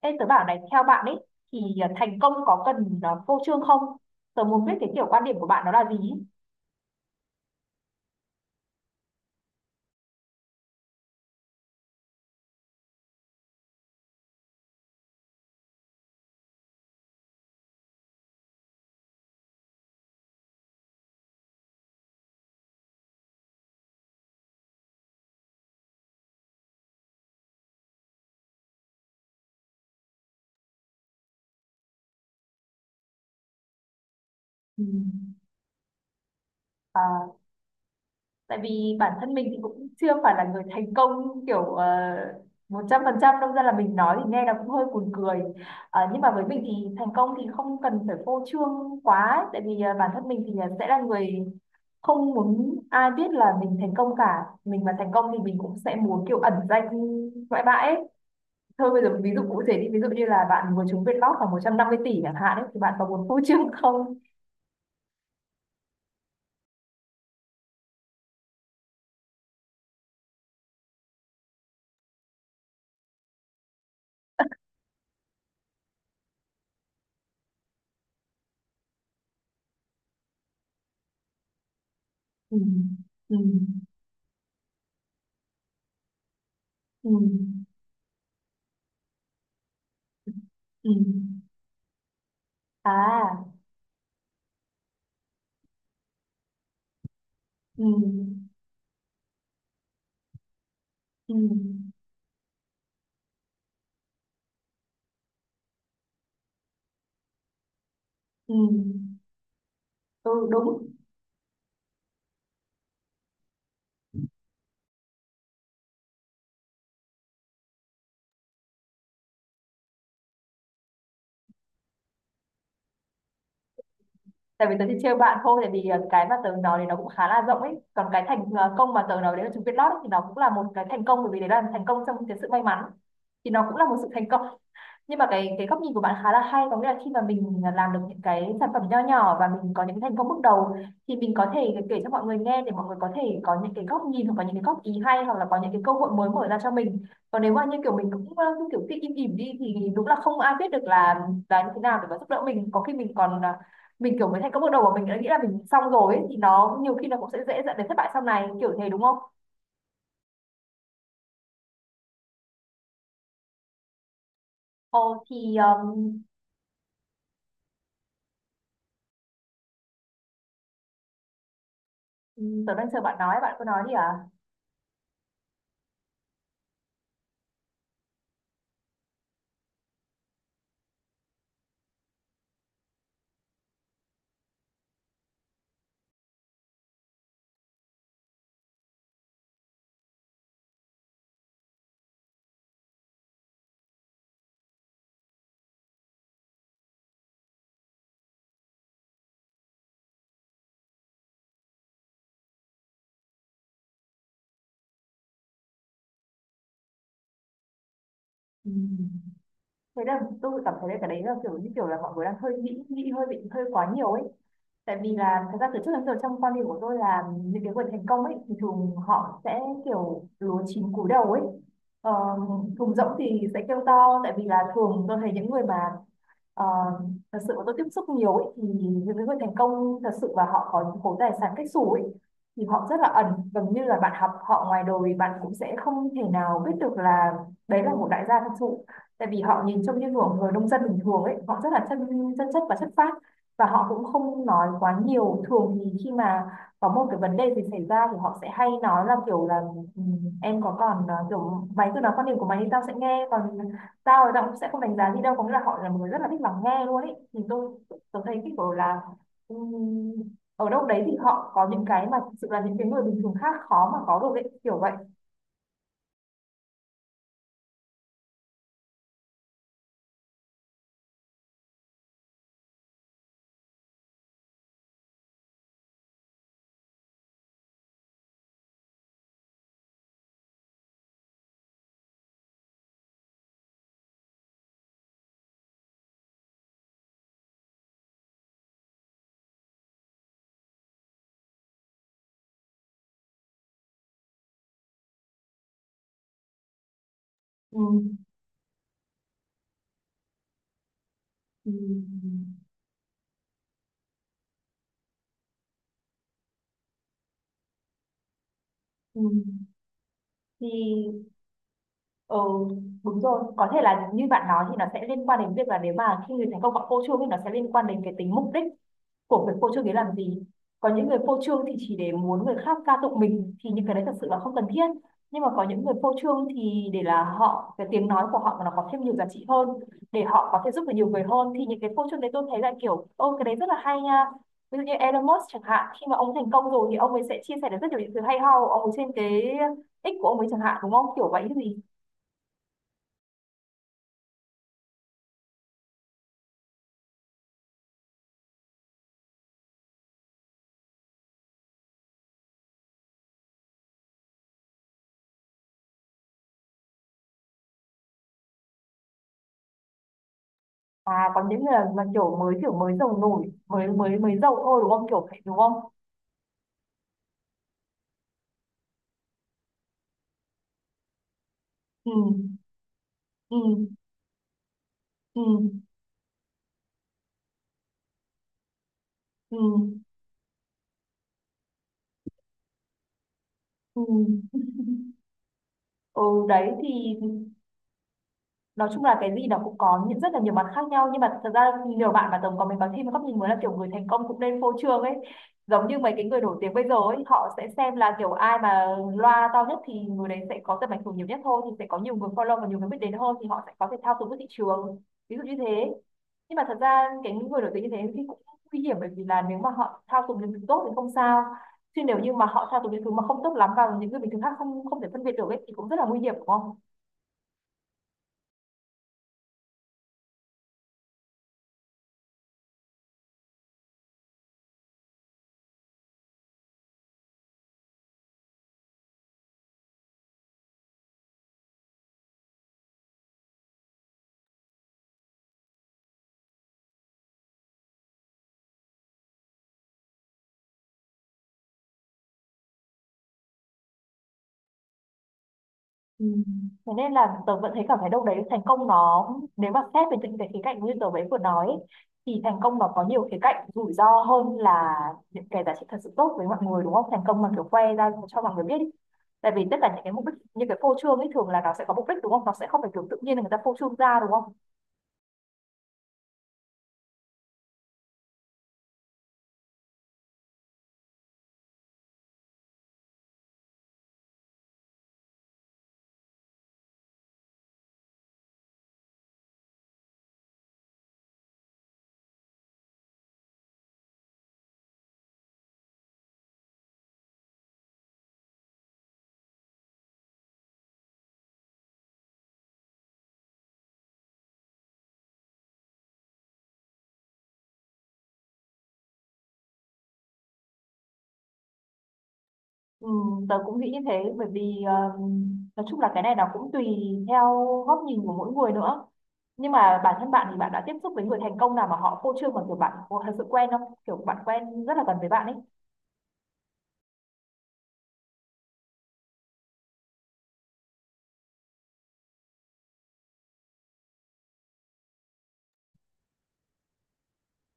Ê, tớ bảo này, theo bạn ấy thì thành công có cần phô trương không? Tớ muốn biết cái kiểu quan điểm của bạn nó là gì ý? Ừ. À, tại vì bản thân mình thì cũng chưa phải là người thành công kiểu 100% đâu ra là mình nói thì nghe nó cũng hơi buồn cười. Nhưng mà với mình thì thành công thì không cần phải phô trương quá ấy, tại vì bản thân mình thì sẽ là người không muốn ai biết là mình thành công cả. Mình mà thành công thì mình cũng sẽ muốn kiểu ẩn danh ngoại bạ ấy. Thôi bây giờ ví dụ cụ thể đi, ví dụ như là bạn vừa trúng Vietlott lót khoảng 150 tỷ chẳng hạn ấy, thì bạn có muốn phô trương không? Ừ. Ừ. Ừ. Ừ. À. Ừ. Ừ. Ừ. Ừ đúng. Tại vì tớ chỉ trêu bạn thôi, tại vì cái mà tớ nói thì nó cũng khá là rộng ấy, còn cái thành công mà tớ nói đấy là trúng Vietlott ấy, thì nó cũng là một cái thành công bởi vì đấy là thành công trong cái sự may mắn, thì nó cũng là một sự thành công. Nhưng mà cái góc nhìn của bạn khá là hay, có nghĩa là khi mà mình làm được những cái sản phẩm nho nhỏ và mình có những thành công bước đầu thì mình có thể kể cho mọi người nghe để mọi người có thể có những cái góc nhìn, hoặc có những cái góp ý hay, hoặc là có những cái cơ hội mới mở ra cho mình. Còn nếu mà như kiểu mình cũng cứ kiểu cứ im ỉm đi thì đúng là không ai biết được là như thế nào để mà giúp đỡ mình, có khi mình còn mình kiểu mới thành công bước đầu mà mình đã nghĩ là mình xong rồi ấy, thì nó nhiều khi nó cũng sẽ dễ dẫn đến thất bại sau này kiểu thế đúng không? Ồ thì tớ đang chờ bạn nói, bạn cứ nói đi à. Ừm. Thế là tôi cảm thấy là cái đấy là kiểu như kiểu là mọi người đang hơi nghĩ nghĩ hơi bị hơi quá nhiều ấy, tại vì là thật ra từ trước đến giờ trong quan điểm của tôi là những cái người thành công ấy thì thường họ sẽ kiểu lúa chín cúi đầu ấy. Ờ, Thùng rỗng thì sẽ kêu to, tại vì là thường tôi thấy những người mà Ờ, thật sự mà tôi tiếp xúc nhiều ấy, thì những người thành công thật sự và họ có những khối tài sản cách xù ấy thì họ rất là ẩn, gần như là bạn học họ ngoài đời bạn cũng sẽ không thể nào biết được là đấy là một đại gia thật sự, tại vì họ nhìn trông như kiểu người nông dân bình thường ấy, họ rất là chân chân chất và chất phác, và họ cũng không nói quá nhiều. Thường thì khi mà có một cái vấn đề gì xảy ra thì họ sẽ hay nói là kiểu là "Ừ, em có còn kiểu mày cứ nói quan điểm của mày thì tao sẽ nghe, còn tao thì tao cũng sẽ không đánh giá gì đâu", có nghĩa là họ là một người rất là thích lắng nghe luôn ấy. Thì tôi thấy cái kiểu là ừm, ở đâu đấy thì họ có những cái mà thực sự là những cái người bình thường khác khó mà có được ấy, kiểu vậy. Ừm, ừm, ừm. Thì ừ, đúng rồi, có thể là như bạn nói thì nó sẽ liên quan đến việc là nếu mà khi người thành công họ phô trương thì nó sẽ liên quan đến cái tính mục đích của việc phô trương đấy làm gì. Có những người phô trương thì chỉ để muốn người khác ca tụng mình thì những cái đấy thật sự là không cần thiết. Nhưng mà có những người phô trương thì để là họ, cái tiếng nói của họ mà nó có thêm nhiều giá trị hơn, để họ có thể giúp được nhiều người hơn, thì những cái phô trương đấy tôi thấy là kiểu ô cái đấy rất là hay nha. Ví dụ như Elon Musk chẳng hạn, khi mà ông thành công rồi thì ông ấy sẽ chia sẻ được rất nhiều những thứ hay ho của ông ấy trên cái X của ông ấy chẳng hạn, đúng không? Kiểu vậy chứ gì. À còn những người mà kiểu mới giàu nổi mới mới mới giàu thôi đúng không, kiểu vậy đúng không? Ừ. Ừ. Ừ. Ừ. Ừ. Ừ, đấy thì nói chung là cái gì nó cũng có những rất là nhiều mặt khác nhau, nhưng mà thật ra nhiều bạn mà tổng có mình có thêm một góc nhìn mới là kiểu người thành công cũng nên phô trương ấy. Giống như mấy cái người nổi tiếng bây giờ ấy, họ sẽ xem là kiểu ai mà loa to nhất thì người đấy sẽ có tầm ảnh hưởng nhiều nhất thôi, thì sẽ có nhiều người follow và nhiều người biết đến hơn, thì họ sẽ có thể thao túng được thị trường, ví dụ như thế. Nhưng mà thật ra cái những người nổi tiếng như thế thì cũng nguy hiểm, bởi vì là nếu mà họ thao túng những thứ tốt thì không sao, chứ nếu như mà họ thao túng những thứ mà không tốt lắm vào những người bình thường khác không không thể phân biệt được ấy thì cũng rất là nguy hiểm đúng không? Ừ. Thế nên là tớ vẫn thấy cảm thấy đâu đấy thành công nó, nếu mà xét về những cái khía cạnh như tớ ấy vừa nói ấy, thì thành công nó có nhiều khía cạnh rủi ro hơn là những cái giá trị thật sự tốt với mọi người, đúng không? Thành công mà kiểu khoe ra cho mọi người biết ý. Tại vì tất cả những cái mục đích như cái phô trương ấy thường là nó sẽ có mục đích đúng không, nó sẽ không phải kiểu tự nhiên là người ta phô trương ra đúng không? Ừ, tớ cũng nghĩ như thế bởi vì nói chung là cái này nó cũng tùy theo góc nhìn của mỗi người nữa, nhưng mà bản thân bạn thì bạn đã tiếp xúc với người thành công nào mà họ phô trương mà kiểu bạn có thật sự quen không, kiểu bạn quen rất là gần với bạn ấy?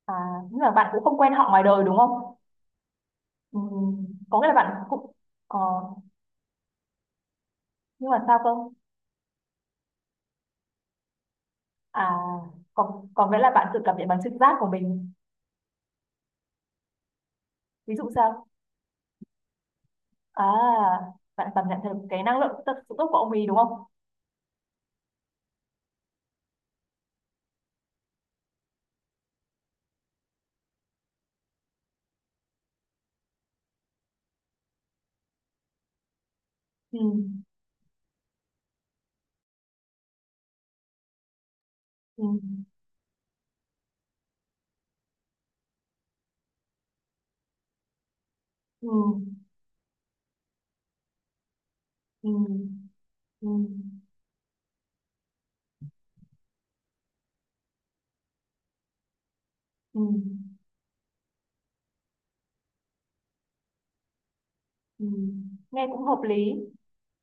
À, nhưng mà bạn cũng không quen họ ngoài đời đúng không? Ừ, có nghĩa là bạn cũng ờ, nhưng mà sao cơ? À còn còn nghĩa là bạn tự cảm nhận bằng trực giác của mình? Ví dụ sao? À, bạn cảm nhận được cái năng lượng thật sự tốt của ông ấy đúng không? Ừ, ừ, ừ, ừ. Ừm, ừm, Nghe cũng hợp lý.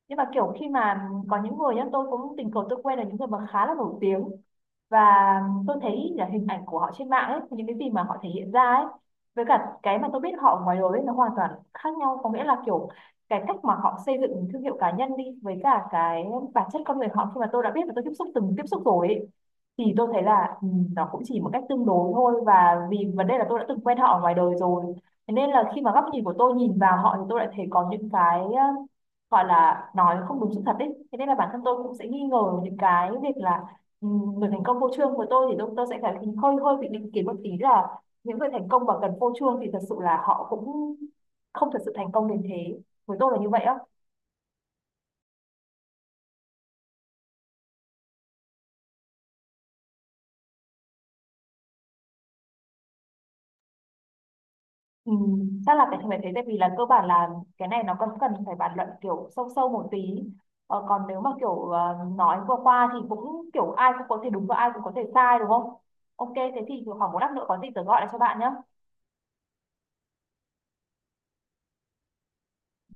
Nhưng mà kiểu khi mà có những người nhá, tôi cũng tình cờ tôi quen là những người mà khá là nổi tiếng, và tôi thấy là hình ảnh của họ trên mạng ấy, những cái gì mà họ thể hiện ra ấy, với cả cái mà tôi biết họ ngoài đời ấy, nó hoàn toàn khác nhau, có nghĩa là kiểu cái cách mà họ xây dựng thương hiệu cá nhân đi với cả cái bản chất con người họ khi mà tôi đã biết và tôi tiếp xúc từng tiếp xúc rồi ấy, thì tôi thấy là ừ, nó cũng chỉ một cách tương đối thôi, và vì vấn đề là tôi đã từng quen họ ở ngoài đời rồi, thế nên là khi mà góc nhìn của tôi nhìn vào họ thì tôi lại thấy có những cái gọi là nói không đúng sự thật ấy, thế nên là bản thân tôi cũng sẽ nghi ngờ những cái việc là ừ, người thành công vô chương của tôi thì tôi sẽ phải hơi hơi bị định kiến một tí là những người thành công mà gần vô chương thì thật sự là họ cũng không thật sự thành công đến thế, với tôi là như vậy á. Ừ, chắc là phải phải thế tại vì là cơ bản là cái này nó còn cần phải bàn luận kiểu sâu sâu một tí. Còn nếu mà kiểu nói qua qua thì cũng kiểu ai cũng có thể đúng và ai cũng có thể sai đúng không? Ok thế thì khoảng một lát nữa có gì tớ gọi lại cho bạn nhé.